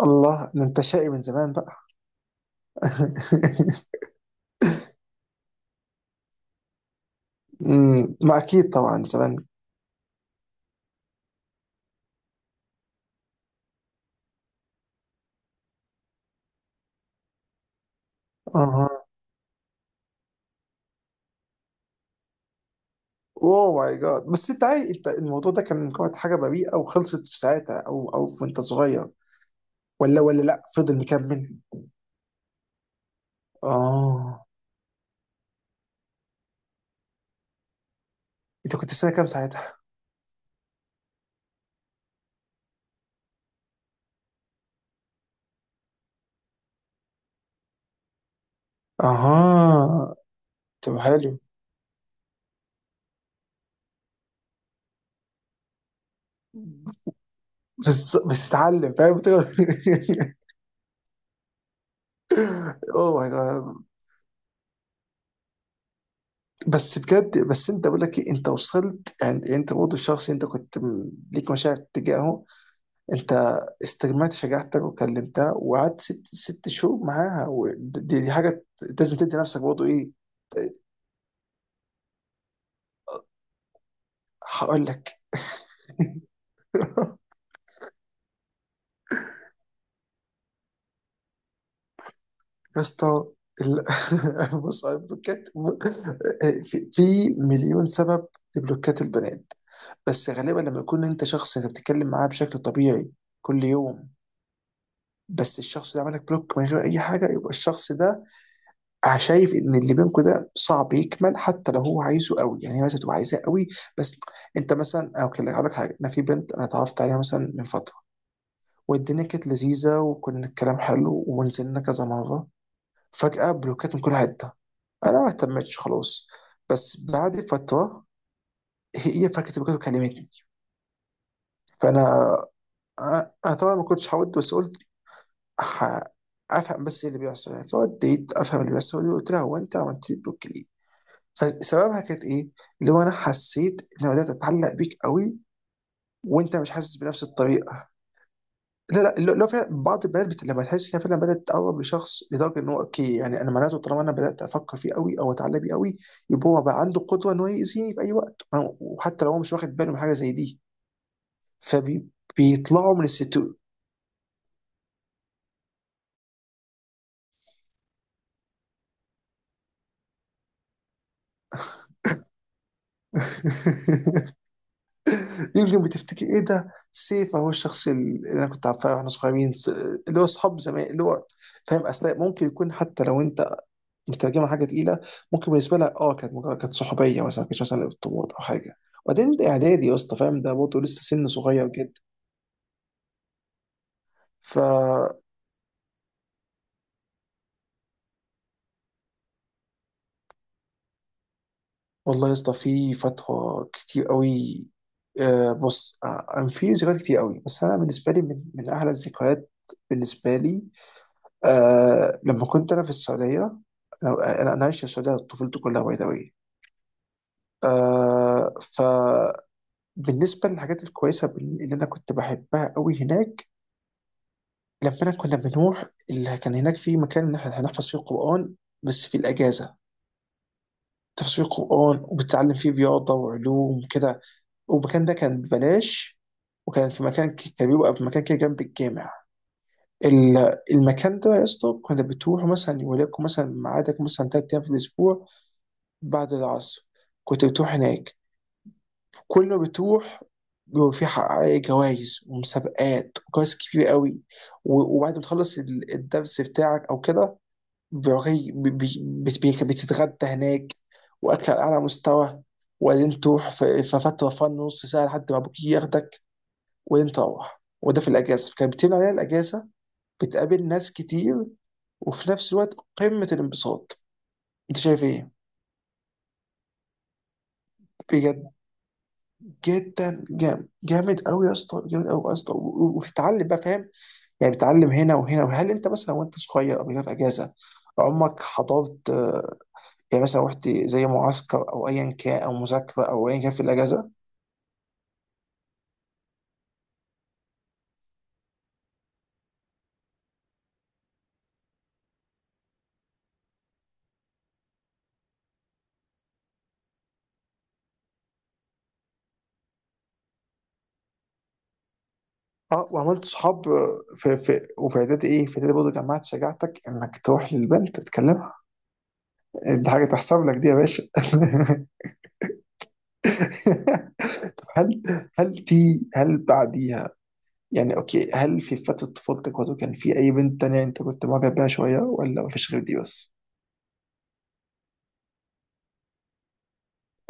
الله ده انت شقي من زمان بقى. ما اكيد طبعا زمان. اها. اوه ماي جاد، بس انت عايز، انت الموضوع ده كان مجرد حاجه بريئه وخلصت في ساعتها، او في وانت صغير؟ ولا لا، فضل مكمل. اه. انت كنت سنه كام ساعتها؟ اها. طب حلو. بس بتتعلم، فاهم، اوه ماي جاد. بس بجد، بس انت بقول لك ايه، انت وصلت يعني، انت برضه الشخص، انت كنت ليك مشاعر تجاهه. انت استجمعت شجاعتك وكلمتها وقعدت ست شهور معاها، ودي حاجه لازم تدي نفسك برضه ايه. هقول لك. يا اسطى، بص على البلوكات. في مليون سبب لبلوكات البنات، بس غالبا لما يكون انت شخص انت بتتكلم معاه بشكل طبيعي كل يوم، بس الشخص ده عملك بلوك من غير اي حاجه، يبقى الشخص ده شايف ان اللي بينكم ده صعب يكمل، حتى لو هو عايزه قوي، يعني هي مثلا تبقى عايزاه قوي بس انت مثلا. او كده هقول لك حاجه، انا في بنت انا اتعرفت عليها مثلا من فتره، والدنيا كانت لذيذه وكنا الكلام حلو ونزلنا كذا مره. فجاه بلوكات من كل حته. انا ما اهتمتش خلاص. بس بعد فتره هي فجاه بلوكات وكلمتني. فانا أ- انا طبعا ما كنتش هود، بس قلت ه- افهم بس ايه اللي بيحصل، يعني فوديت افهم اللي بيحصل، وقلت لها هو انت عملت لي بلوك ليه؟ فسببها كانت ايه؟ اللي هو انا حسيت ان بدات اتعلق بيك قوي وانت مش حاسس بنفس الطريقه. لا اللي هو فعلا بعض البنات لما تحس انها فعلا بدات تقرب لشخص لدرجه ان هو اوكي، يعني انا معناته طالما انا بدات افكر فيه قوي او اتعلق بيه قوي، يبقى هو بقى عنده قدوه ان هو يأذيني في اي وقت، وحتى لو هو مش واخد باله من حاجه زي دي، فبيطلعوا من الستور. يمكن بتفتكر ايه ده سيف، هو الشخص اللي انا كنت عارفاه واحنا صغيرين، اللي هو اصحاب زمان، اللي هو فاهم، اصل ممكن يكون حتى لو انت مترجمه حاجه تقيله، ممكن بالنسبه لها اه كانت مجرد كانت صحوبيه مثلا، ما كانتش مثلا ارتباط او حاجه. وبعدين ده اعدادي يا اسطى، فاهم، ده برضه لسه سن صغير جدا. ف والله يا اسطى في فتره كتير قوي. آه بص، آه أنا في ذكريات كتير قوي، بس انا بالنسبه لي من احلى الذكريات بالنسبه لي، آه لما كنت انا في السعوديه. انا انا أنا عايش في السعوديه طفولتي كلها، باي ذا واي. آه، فبالنسبه للحاجات الكويسه اللي انا كنت بحبها قوي هناك، لما كنا بنروح اللي كان هناك، في مكان إن إحنا هنحفظ فيه القرآن بس في الأجازة، تحفظ فيه القرآن وبتتعلم فيه رياضة وعلوم وكده، والمكان ده كان ببلاش، وكان في مكان كان في مكان كده جنب الجامع. المكان ده يا اسطى كنا بتروح مثلا، وليكن مثلا ميعادك مثلا تلات أيام في الأسبوع بعد العصر، كنت بتروح هناك. كل ما بتروح، بيبقى في جوائز ومسابقات وجوائز كبيرة قوي، وبعد ما تخلص الدرس بتاعك أو كده، بتتغدى هناك، واكل على اعلى مستوى، وبعدين تروح في فتره نص ساعه لحد ما ابوك ياخدك، وبعدين تروح. وده في الاجازه، فكانت بتمنع عليها الاجازه، بتقابل ناس كتير، وفي نفس الوقت قمه الانبساط. انت شايف ايه؟ بجد جدا، جامد قوي يا اسطى، جامد قوي يا اسطى، و- و- وبتتعلم بقى، فاهم، يعني بتتعلم هنا وهنا. وهل انت مثلا وانت صغير قبل كده في اجازه عمرك حضرت، يعني مثلا رحت زي معسكر او ايا كان، او مذاكره او ايا كان في الاجازه؟ اه وعملت صحاب في في وفي اعدادي ايه، في اعدادي برضه جمعت شجاعتك انك تروح للبنت تتكلمها؟ دي حاجه تحسب لك دي يا باشا. طب هل، هل في هل بعديها يعني اوكي، هل في فتره طفولتك برضه كان في اي بنت تانية انت كنت معجب بيها شويه، ولا مفيش غير دي بس؟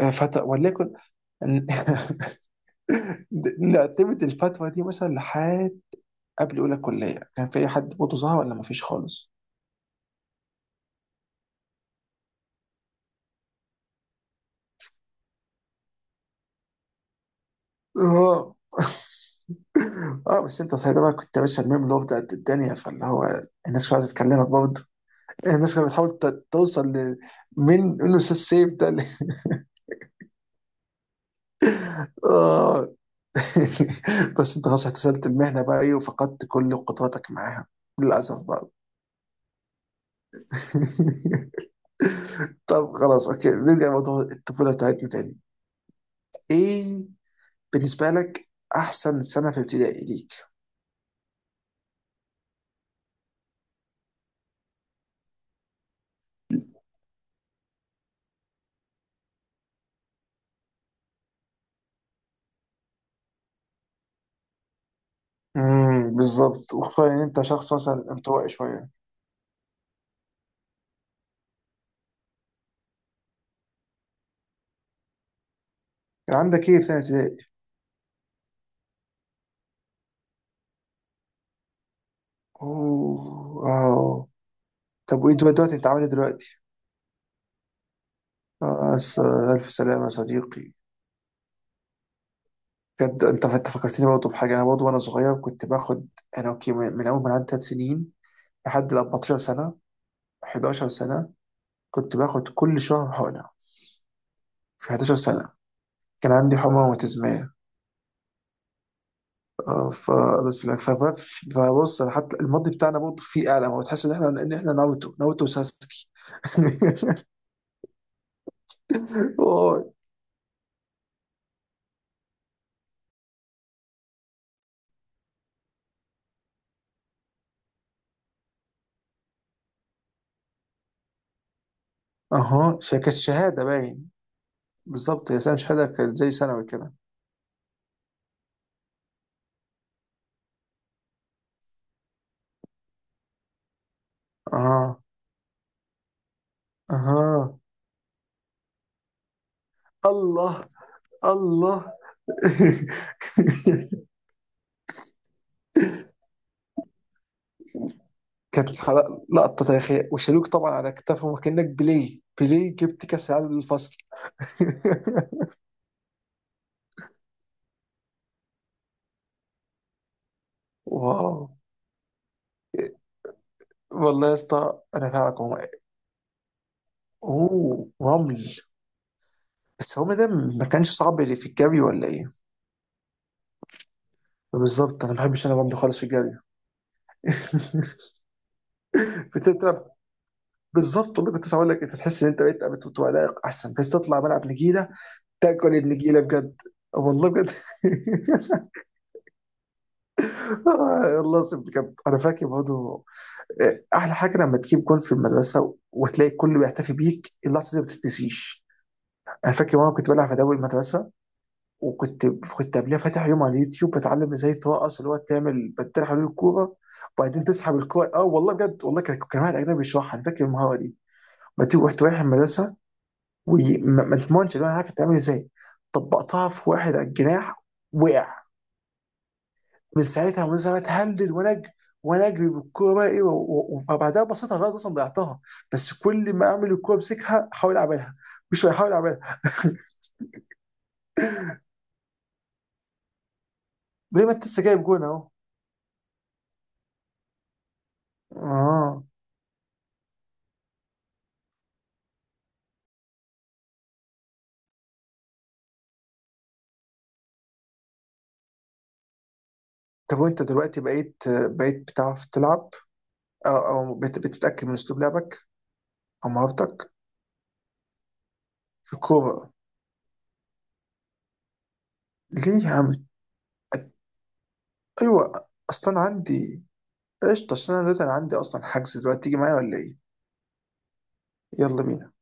آه، فترة وليكن. نعتمد الفترة دي مثلا لحد قبل اولى كليه، كان في اي حد برضه ظهر ولا مفيش خالص؟ اه. اه بس انت ساعتها بقى كنت يا باشا الميم لوف ده قد الدنيا، فاللي هو الناس كانت عايزه تكلمك برضه، الناس كانت بتحاول توصل ل- من انه استاذ سيف ده ل-. اه. بس انت خلاص احتسبت المهنه بقى ايه، وفقدت كل قدراتك معاها للاسف بقى. طب خلاص اوكي، نرجع لموضوع الطفوله بتاعتنا تاني. ايه بالنسبه لك احسن سنه في ابتدائي ليك؟ امم، بالظبط، وخصوصا ان انت شخص مثلا انطوائي شويه. كان عندك ايه في سنه ابتدائي؟ اوه اه. طب وايه دلوقتي، دلوقتي انت عامل ايه دلوقتي؟ آه، الف سلامه يا صديقي. بجد انت، انت فكرتني برضه بحاجه، انا برضه وانا صغير كنت باخد. انا اوكي، من اول ما عندي 3 سنين لحد ال 14 سنه، 11 سنه، كنت باخد كل شهر حقنه. في 11 سنه كان عندي حمى روماتيزميه. اه ف بس لا، ف- ف- فبص، أنا حتى الماضي بتاعنا برضه فيه اعلى، هو تحس ان احنا ان احنا ناروتو، وساسكي. واي. اها، كانت شهاده باين، بالظبط، هي سنه شهاده، كانت زي ثانوي كده. اها. اها. الله. الله. كانت لقطه تاريخيه، وشالوك طبعا على كتافهم، وكانك بيليه بيليه جبت كاس العالم للفصل. واو، والله يا اسطى انا فاهمك والله. اوه رمل. بس هو ده ما كانش صعب اللي في الجري ولا ايه؟ بالظبط، انا ما بحبش، انا بمضي خالص في الجري. بتتعب. بالظبط والله، كنت لسه هقول لك، انت تحس ان انت بقيت بتبقى لايق احسن، بس تطلع ملعب نجيله تاكل النجيله بجد. والله بجد. آه، والله العظيم بجد انا فاكر برضه. آه، احلى حاجه لما تجيب جول في المدرسه وتلاقي الكل بيحتفي بيك، اللحظه دي ما بتتنسيش. انا فاكر مره كنت بلعب في دوري المدرسه، وكنت قبلها فاتح يوم على اليوتيوب بتعلم ازاي ترقص، اللي هو تعمل بتطير حوالين الكوره وبعدين تسحب الكوره. اه والله بجد، والله كان، كان واحد اجنبي بيشرحها، انا فاكر المهاره دي بتيجي. رحت رايح المدرسه، وما تضمنش اللي انا عارف تعمل ازاي، طبقتها في واحد على الجناح، وقع. من ساعتها وانا ساعتها اتهلل ونجري، ونجري بالكوره بقى ايه، و- و- وبعدها بصيتها غلط اصلا ضيعتها. بس كل ما اعمل الكوره امسكها احاول اعملها، مش بحاول اعملها. ليه، ما انت لسه جايب جون اهو. اه. طب وانت دلوقتي بقيت، بتعرف تلعب، او بتتاكد من اسلوب لعبك او مهارتك في الكوره؟ ليه يا عم؟ ايوه، اصلا عندي قشطه، عشان انا دلوقتي انا عندي اصلا حجز دلوقتي، تيجي معايا ولا ايه؟ يلا بينا.